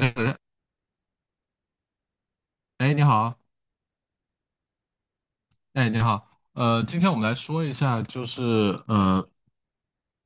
哎，哎你好，哎，你好，今天我们来说一下，就是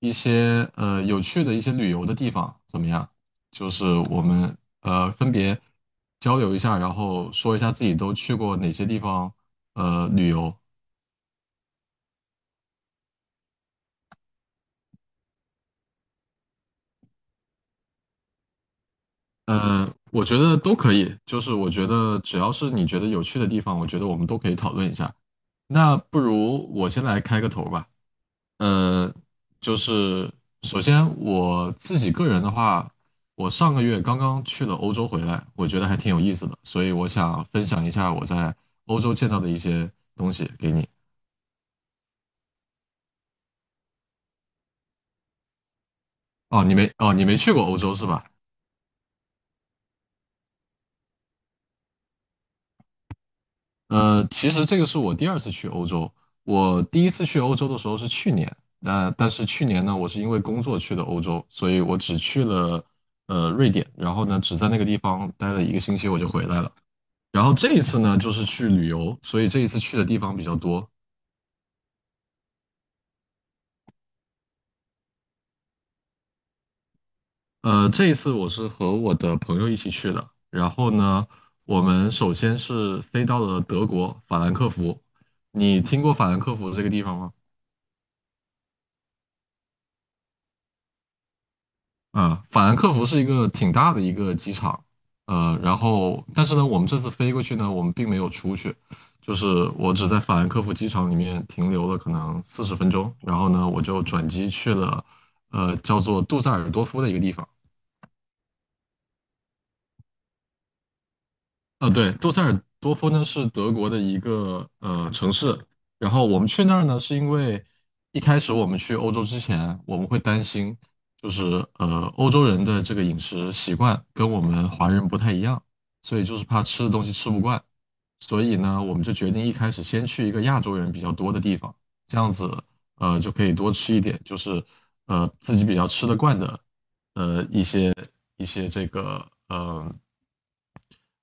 一些有趣的一些旅游的地方怎么样？就是我们分别交流一下，然后说一下自己都去过哪些地方旅游。我觉得都可以，就是我觉得只要是你觉得有趣的地方，我觉得我们都可以讨论一下。那不如我先来开个头吧。嗯，就是首先我自己个人的话，我上个月刚刚去了欧洲回来，我觉得还挺有意思的，所以我想分享一下我在欧洲见到的一些东西给你。哦，你没去过欧洲是吧？其实这个是我第二次去欧洲，我第一次去欧洲的时候是去年，但是去年呢，我是因为工作去的欧洲，所以我只去了瑞典，然后呢，只在那个地方待了一个星期我就回来了。然后这一次呢，就是去旅游，所以这一次去的地方比较多。这一次我是和我的朋友一起去的。然后呢，我们首先是飞到了德国法兰克福。你听过法兰克福这个地方吗？啊，法兰克福是一个挺大的一个机场。然后但是呢，我们这次飞过去呢，我们并没有出去，就是我只在法兰克福机场里面停留了可能40分钟。然后呢，我就转机去了，叫做杜塞尔多夫的一个地方。啊，对，杜塞尔多夫呢是德国的一个城市，然后我们去那儿呢，是因为一开始我们去欧洲之前，我们会担心，就是欧洲人的这个饮食习惯跟我们华人不太一样，所以就是怕吃的东西吃不惯，所以呢，我们就决定一开始先去一个亚洲人比较多的地方，这样子就可以多吃一点，就是自己比较吃得惯的呃一些一些这个呃。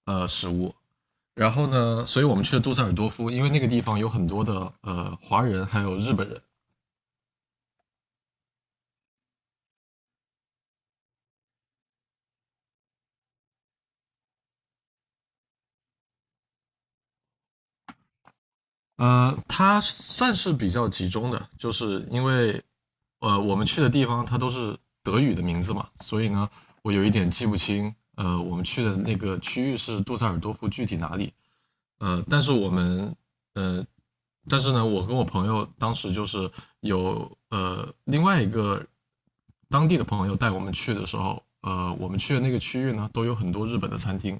呃食物。然后呢，所以我们去了杜塞尔多夫，因为那个地方有很多的华人还有日本人。它算是比较集中的，就是因为我们去的地方它都是德语的名字嘛，所以呢我有一点记不清，我们去的那个区域是杜塞尔多夫具体哪里，呃，但是我们呃但是呢我跟我朋友当时就是有另外一个当地的朋友带我们去的时候，我们去的那个区域呢，都有很多日本的餐厅，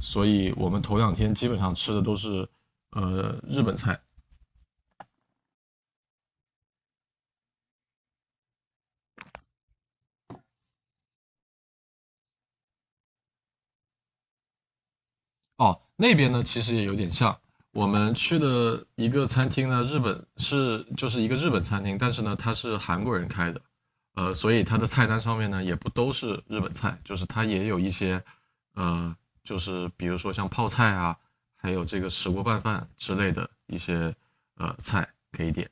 所以我们头两天基本上吃的都是日本菜。哦，那边呢其实也有点像，我们去的一个餐厅呢，日本是就是一个日本餐厅，但是呢它是韩国人开的。所以它的菜单上面呢也不都是日本菜，就是它也有一些呃，就是比如说像泡菜啊，还有这个石锅拌饭之类的一些菜可以点。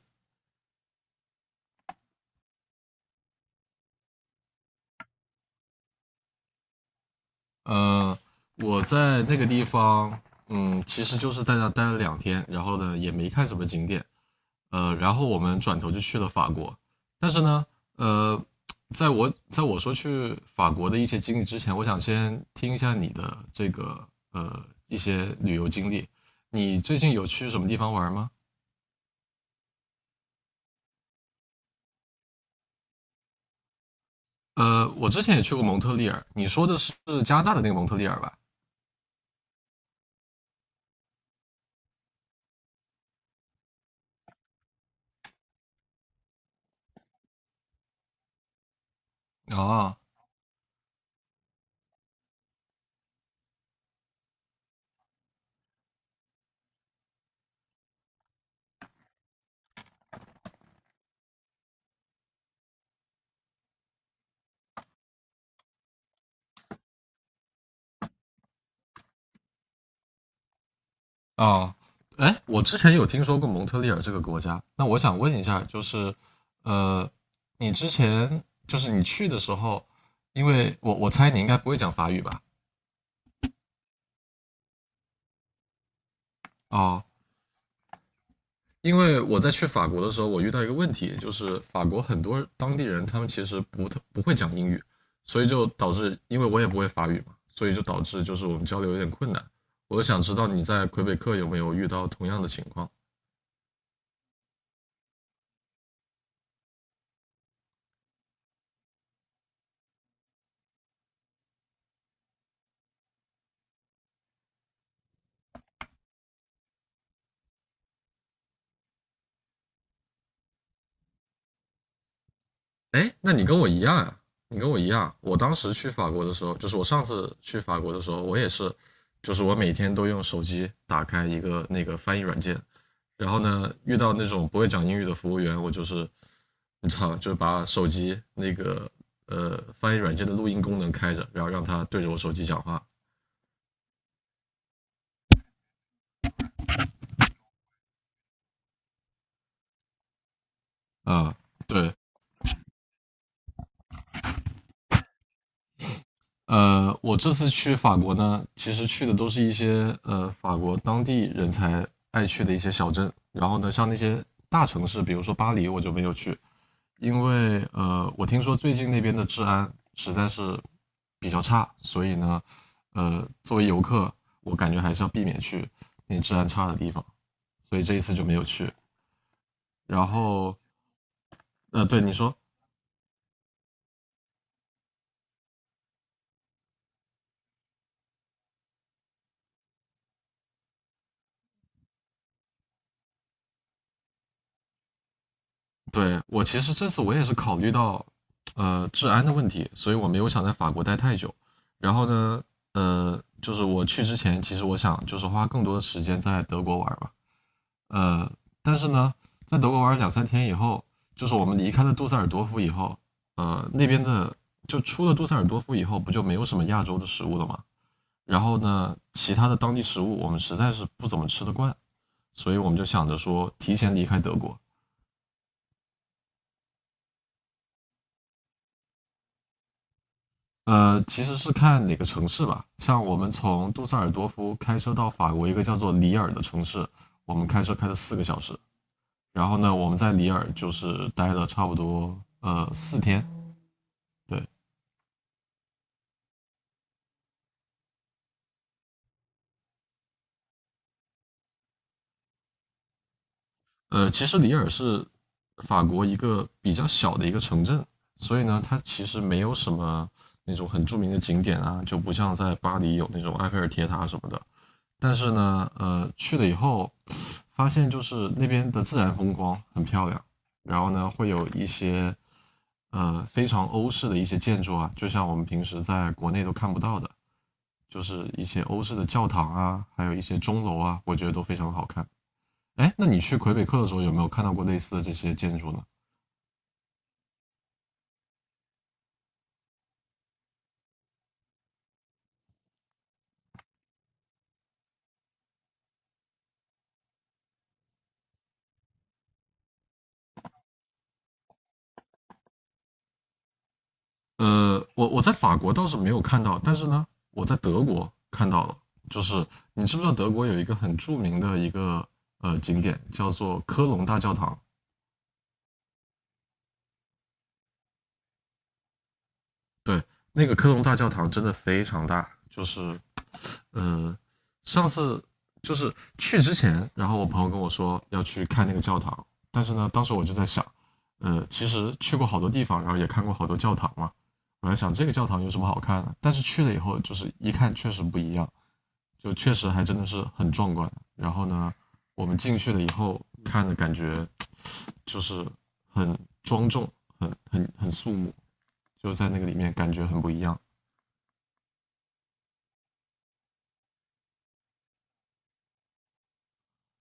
呃，我在那个地方，嗯，其实就是在那待了两天，然后呢也没看什么景点，然后我们转头就去了法国。但是呢，呃，在我说去法国的一些经历之前，我想先听一下你的这个一些旅游经历。你最近有去什么地方玩吗？我之前也去过蒙特利尔，你说的是加拿大的那个蒙特利尔吧？哦，哦，哎，我之前有听说过蒙特利尔这个国家，那我想问一下，就是，呃，你之前就是你去的时候，因为我猜你应该不会讲法语吧？哦，因为我在去法国的时候，我遇到一个问题，就是法国很多当地人他们其实不会讲英语，所以就导致，因为我也不会法语嘛，所以就导致就是我们交流有点困难。我就想知道你在魁北克有没有遇到同样的情况？哎，那你跟我一样啊，你跟我一样。我当时去法国的时候，就是我上次去法国的时候，我也是，就是我每天都用手机打开一个那个翻译软件，然后呢，遇到那种不会讲英语的服务员，我就是你知道，就是把手机那个翻译软件的录音功能开着，然后让他对着我手机讲话。啊，对，我这次去法国呢，其实去的都是一些法国当地人才爱去的一些小镇。然后呢，像那些大城市，比如说巴黎，我就没有去，因为我听说最近那边的治安实在是比较差，所以呢，作为游客，我感觉还是要避免去那治安差的地方，所以这一次就没有去。然后，对你说。对，我其实这次我也是考虑到治安的问题，所以我没有想在法国待太久。然后呢，就是我去之前，其实我想就是花更多的时间在德国玩吧。呃，但是呢，在德国玩两三天以后，就是我们离开了杜塞尔多夫以后，呃，那边的就出了杜塞尔多夫以后，不就没有什么亚洲的食物了吗？然后呢，其他的当地食物我们实在是不怎么吃得惯，所以我们就想着说提前离开德国。其实是看哪个城市吧。像我们从杜塞尔多夫开车到法国一个叫做里尔的城市，我们开车开了4个小时。然后呢，我们在里尔就是待了差不多4天。对，其实里尔是法国一个比较小的一个城镇，所以呢，它其实没有什么那种很著名的景点啊，就不像在巴黎有那种埃菲尔铁塔什么的。但是呢，去了以后，发现就是那边的自然风光很漂亮，然后呢会有一些非常欧式的一些建筑啊，就像我们平时在国内都看不到的，就是一些欧式的教堂啊，还有一些钟楼啊，我觉得都非常好看。哎，那你去魁北克的时候有没有看到过类似的这些建筑呢？我在法国倒是没有看到，但是呢，我在德国看到了。就是你知不知道德国有一个很著名的一个景点叫做科隆大教堂？对，那个科隆大教堂真的非常大，就是呃，上次就是去之前，然后我朋友跟我说要去看那个教堂，但是呢，当时我就在想，其实去过好多地方，然后也看过好多教堂嘛，我在想这个教堂有什么好看的？但是去了以后，就是一看确实不一样，就确实还真的是很壮观。然后呢，我们进去了以后看的感觉就是很庄重，很肃穆，就在那个里面感觉很不一样。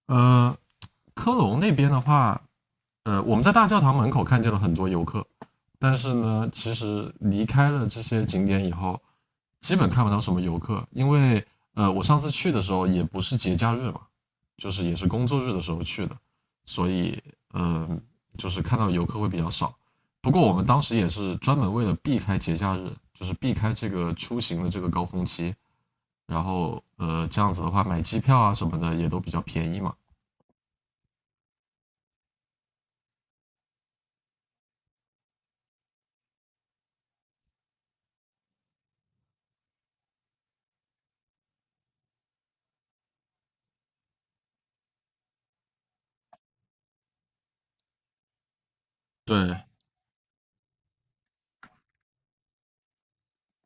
呃，科隆那边的话，我们在大教堂门口看见了很多游客，但是呢，其实离开了这些景点以后，基本看不到什么游客，因为我上次去的时候也不是节假日嘛，就是也是工作日的时候去的，所以嗯、呃，就是看到游客会比较少。不过我们当时也是专门为了避开节假日，就是避开这个出行的这个高峰期，然后这样子的话买机票啊什么的也都比较便宜嘛。对，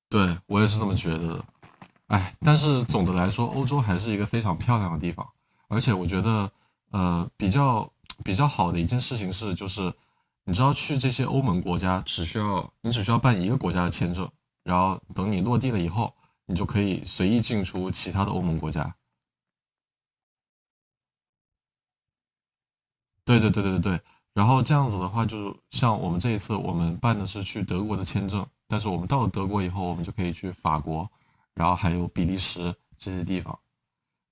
对我也是这么觉得的。哎，但是总的来说，欧洲还是一个非常漂亮的地方，而且我觉得，呃，比较比较好的一件事情是，就是你知道去这些欧盟国家，只需要你只需要办一个国家的签证，然后等你落地了以后，你就可以随意进出其他的欧盟国家。对对对对对。然后这样子的话，就是像我们这一次，我们办的是去德国的签证，但是我们到了德国以后，我们就可以去法国，然后还有比利时这些地方。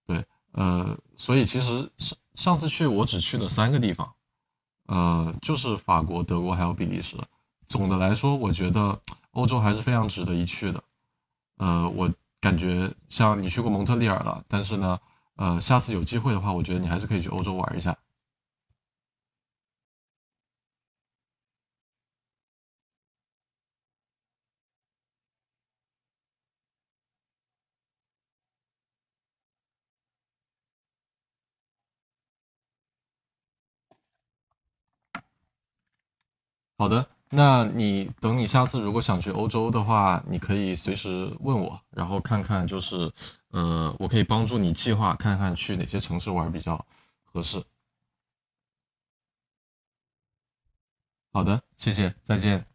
对，所以其实上次去我只去了三个地方，就是法国、德国还有比利时。总的来说，我觉得欧洲还是非常值得一去的。我感觉像你去过蒙特利尔了，但是呢，下次有机会的话，我觉得你还是可以去欧洲玩一下。好的，那你等你下次如果想去欧洲的话，你可以随时问我，然后看看就是我可以帮助你计划看看去哪些城市玩比较合适。好的，谢谢，再见。